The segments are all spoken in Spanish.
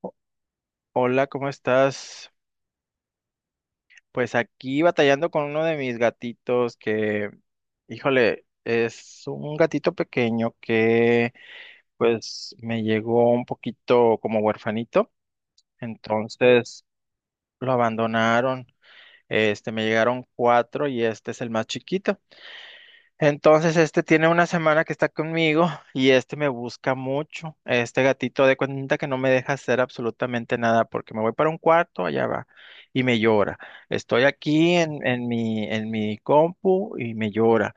O- Hola, ¿cómo estás? Pues aquí batallando con uno de mis gatitos que, híjole, es un gatito pequeño que pues me llegó un poquito como huerfanito, entonces lo abandonaron. Me llegaron cuatro y este es el más chiquito. Entonces, este tiene una semana que está conmigo y este me busca mucho. Este gatito de cuenta que no me deja hacer absolutamente nada porque me voy para un cuarto, allá va y me llora. Estoy aquí en mi compu y me llora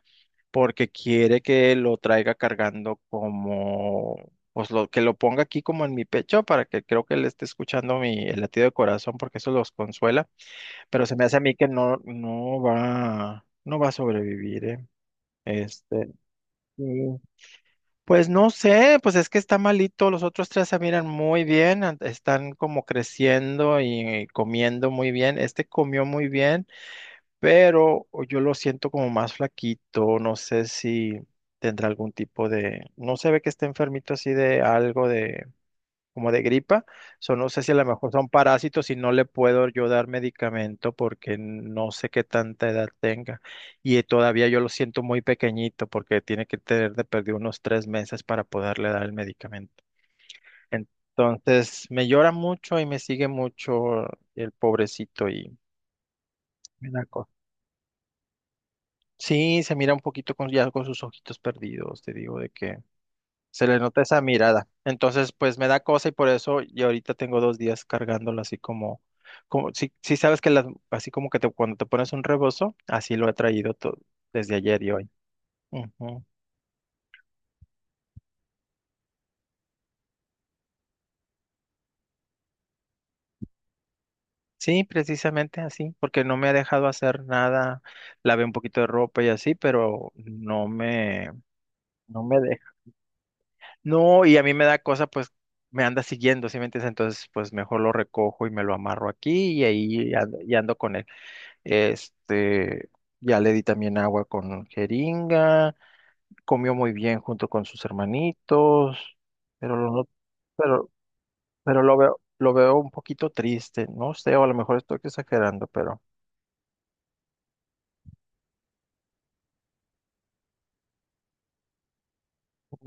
porque quiere que lo traiga cargando como, pues lo, que lo ponga aquí como en mi pecho para que creo que le esté escuchando mi, el latido de corazón porque eso los consuela. Pero se me hace a mí que no, no va a sobrevivir, ¿eh? Este, Sí. Pues no sé, pues es que está malito, los otros tres se miran muy bien, están como creciendo y comiendo muy bien, este comió muy bien, pero yo lo siento como más flaquito, no sé si tendrá algún tipo de, no se ve que esté enfermito así de algo de como de gripa. So, no sé si a lo mejor son parásitos y no le puedo yo dar medicamento porque no sé qué tanta edad tenga. Y todavía yo lo siento muy pequeñito porque tiene que tener de perder unos 3 meses para poderle dar el medicamento. Entonces, me llora mucho y me sigue mucho el pobrecito y me da cosa. Sí, se mira un poquito con, ya con sus ojitos perdidos, te digo, de que se le nota esa mirada. Entonces, pues me da cosa y por eso y ahorita tengo 2 días cargándolo así como, como si, si sabes que las, así como que te, cuando te pones un rebozo, así lo he traído desde ayer y hoy. Ujú. Sí, precisamente así, porque no me ha dejado hacer nada. Lavé un poquito de ropa y así, pero no me, no me deja. No, y a mí me da cosa, pues me anda siguiendo, ¿sí me entiendes? Entonces, pues mejor lo recojo y me lo amarro aquí y ahí ando, y ando con Este, ya le di también agua con jeringa, comió muy bien junto con sus hermanitos, pero lo, no- pero, pero lo veo un poquito triste, no sé, o a lo mejor estoy exagerando, pero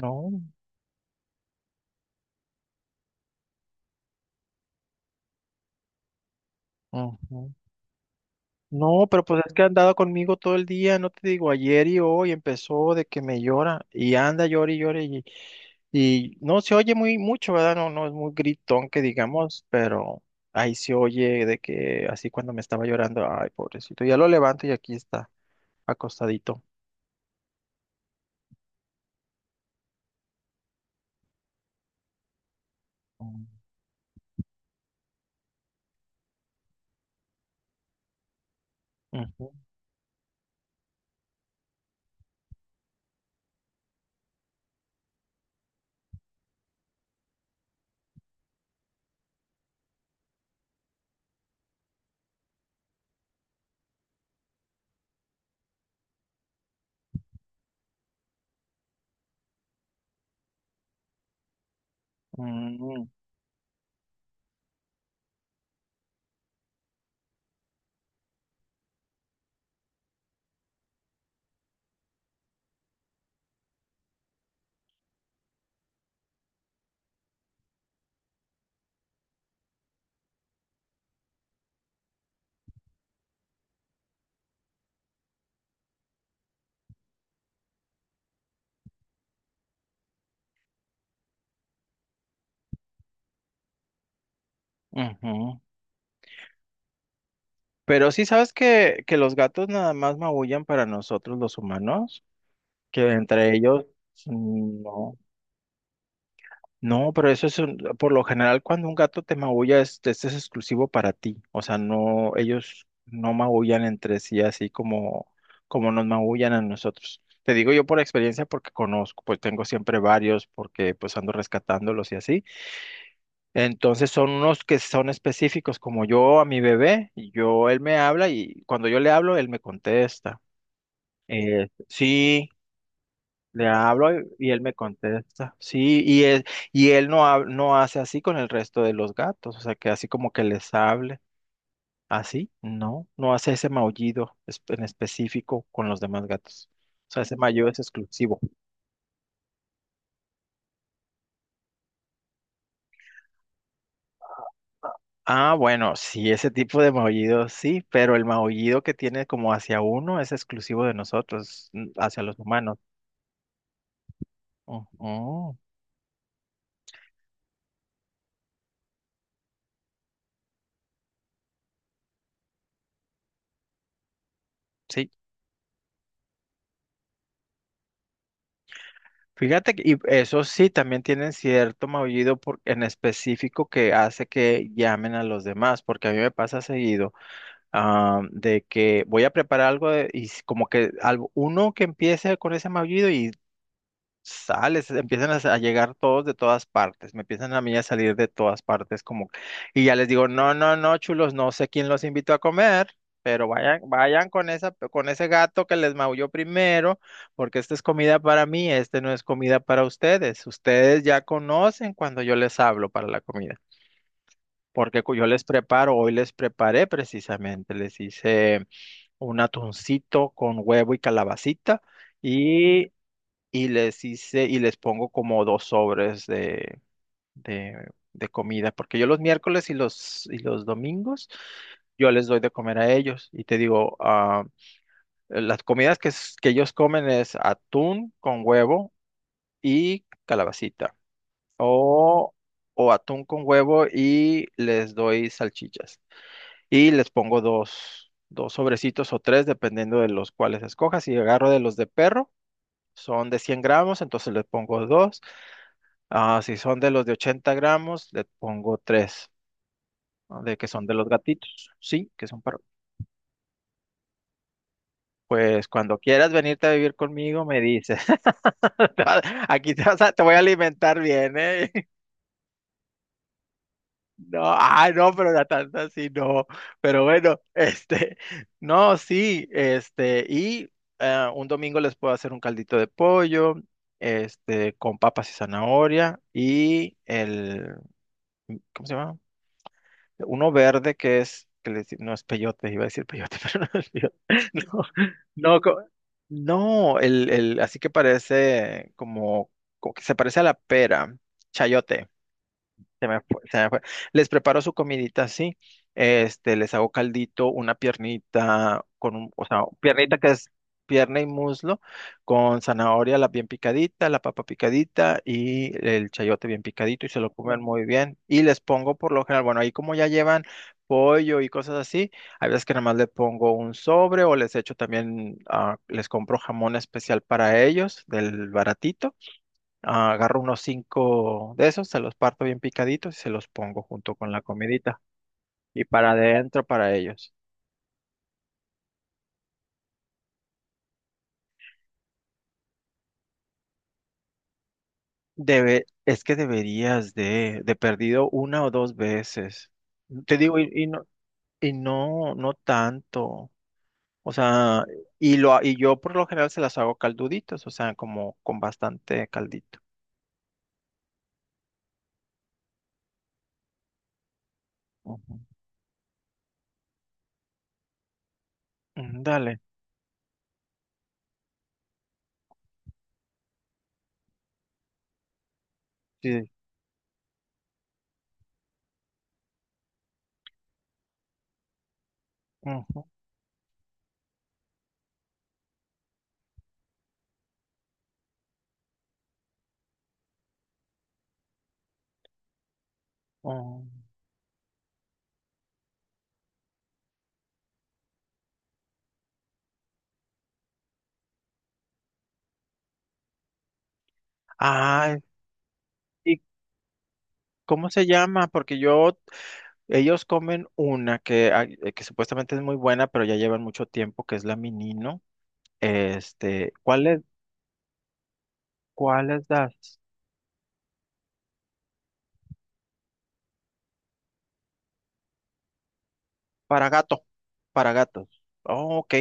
no. Ujú. No, pero pues es que ha andado conmigo todo el día, no te digo, ayer y hoy empezó de que me llora y anda, llora y llora y no se oye muy mucho, ¿verdad? No, no es muy gritón que digamos, pero ahí se oye de que así cuando me estaba llorando, ay, pobrecito, ya lo levanto y aquí está, acostadito. Mm. Ujú, mm, ujú. Pero sí sabes que los gatos nada más maullan para nosotros los humanos, que entre ellos, mm, no. No, pero eso es por lo general cuando un gato te maulla, este es exclusivo para ti. O sea, no, ellos no maullan entre sí así como, como nos maullan a nosotros. Te digo yo por experiencia porque conozco, pues tengo siempre varios porque pues ando rescatándolos y así. Entonces son unos que son específicos, como yo a mi bebé, y yo, él me habla y cuando yo le hablo, él me contesta. Sí, le hablo y él me contesta. Sí, y él no, no hace así con el resto de los gatos, o sea, que así como que les hable, así, no, no hace ese maullido en específico con los demás gatos. O sea, ese maullido es exclusivo. Ah, bueno, sí, ese tipo de maullido sí, pero el maullido que tiene como hacia uno es exclusivo de nosotros, hacia los humanos. Ujú, sí. Fíjate que y eso sí, también tienen cierto maullido en específico que hace que llamen a los demás, porque a mí me pasa seguido de que voy a preparar algo y como que algo, uno que empiece con ese maullido y sales, empiezan a llegar todos de todas partes, me empiezan a mí a salir de todas partes, como, y ya les digo, no, no, no, chulos, no sé quién los invitó a comer, pero vayan, vayan con esa, con ese gato que les maulló primero, porque esta es comida para mí, este no es comida para ustedes, ustedes ya conocen cuando yo les hablo para la comida. Porque yo les preparo, hoy les preparé precisamente, les hice un atuncito con huevo y calabacita, y y les hice y les pongo como dos sobres de, de comida, porque yo los miércoles y los domingos yo les doy de comer a ellos y te digo, las comidas que ellos comen es atún con huevo y calabacita o, o atún con huevo y les doy salchichas y les pongo dos sobrecitos o tres dependiendo de los cuales escojas y agarro de los de perro. Son de 100 gramos, entonces les pongo dos. Ah, si son de los de 80 gramos, le pongo 3, de que son de los gatitos, sí, que son para... Pues cuando quieras venirte a vivir conmigo, me dices. Te va- Aquí te voy a alimentar bien, ¿eh? No, ah, no, pero la tanta sí, no. Pero bueno, no, sí, y un domingo les puedo hacer un caldito de pollo, con papas y zanahoria, y el, ¿cómo se llama? Uno verde que es, que le no es peyote, iba a decir peyote, pero no es peyote. No, no, no, el, así que parece como, como que se parece a la pera, chayote. Se me fue, se me fue. Les preparo su comidita así, les hago caldito, una piernita con un, o sea, piernita que es pierna y muslo, con zanahoria la bien picadita, la papa picadita y el chayote bien picadito y se lo comen muy bien. Y les pongo por lo general, bueno, ahí como ya llevan pollo y cosas así, hay veces que nada más le pongo un sobre o les echo también, les compro jamón especial para ellos, del baratito. Ah, agarro unos cinco de esos, se los parto bien picaditos y se los pongo junto con la comidita. Y para adentro para ellos. Es que deberías de perdido una o dos veces. Te digo, y no, y no, no tanto. O sea, y lo, y yo por lo general se las hago calduditos, o sea, como con bastante caldito. Ujú. Mm, dale. Sí. Ujú, ujú. Ay, ¿y cómo se llama? Porque yo Ellos comen una que, que supuestamente es muy buena, pero ya llevan mucho tiempo, que es la Minino. Este, ¿cuáles, cuáles das? Para gato, para gatos. Oh, ok,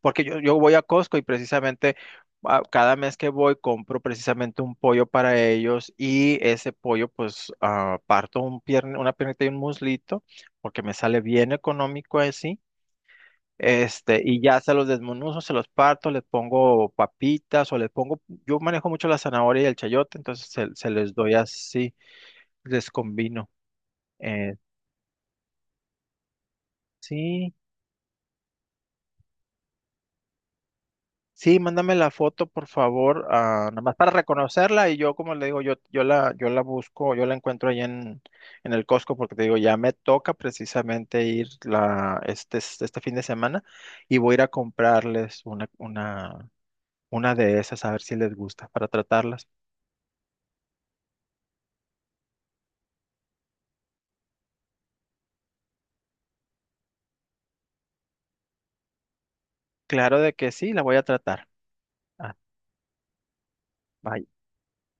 porque yo voy a Costco y precisamente cada mes que voy compro precisamente un pollo para ellos y ese pollo pues parto una piernita y un muslito porque me sale bien económico así. Y ya se los desmenuzo, se los parto, les pongo papitas o les pongo, yo manejo mucho la zanahoria y el chayote, entonces se les doy así, les combino. Eh, sí, sí, mándame la foto, por favor, nada más para reconocerla y yo, como le digo, yo la busco, yo la encuentro ahí en el Costco porque te digo, ya me toca precisamente ir la, este fin de semana y voy a ir a comprarles una de esas a ver si les gusta para tratarlas. Claro de que sí, la voy a tratar. Ah, bye.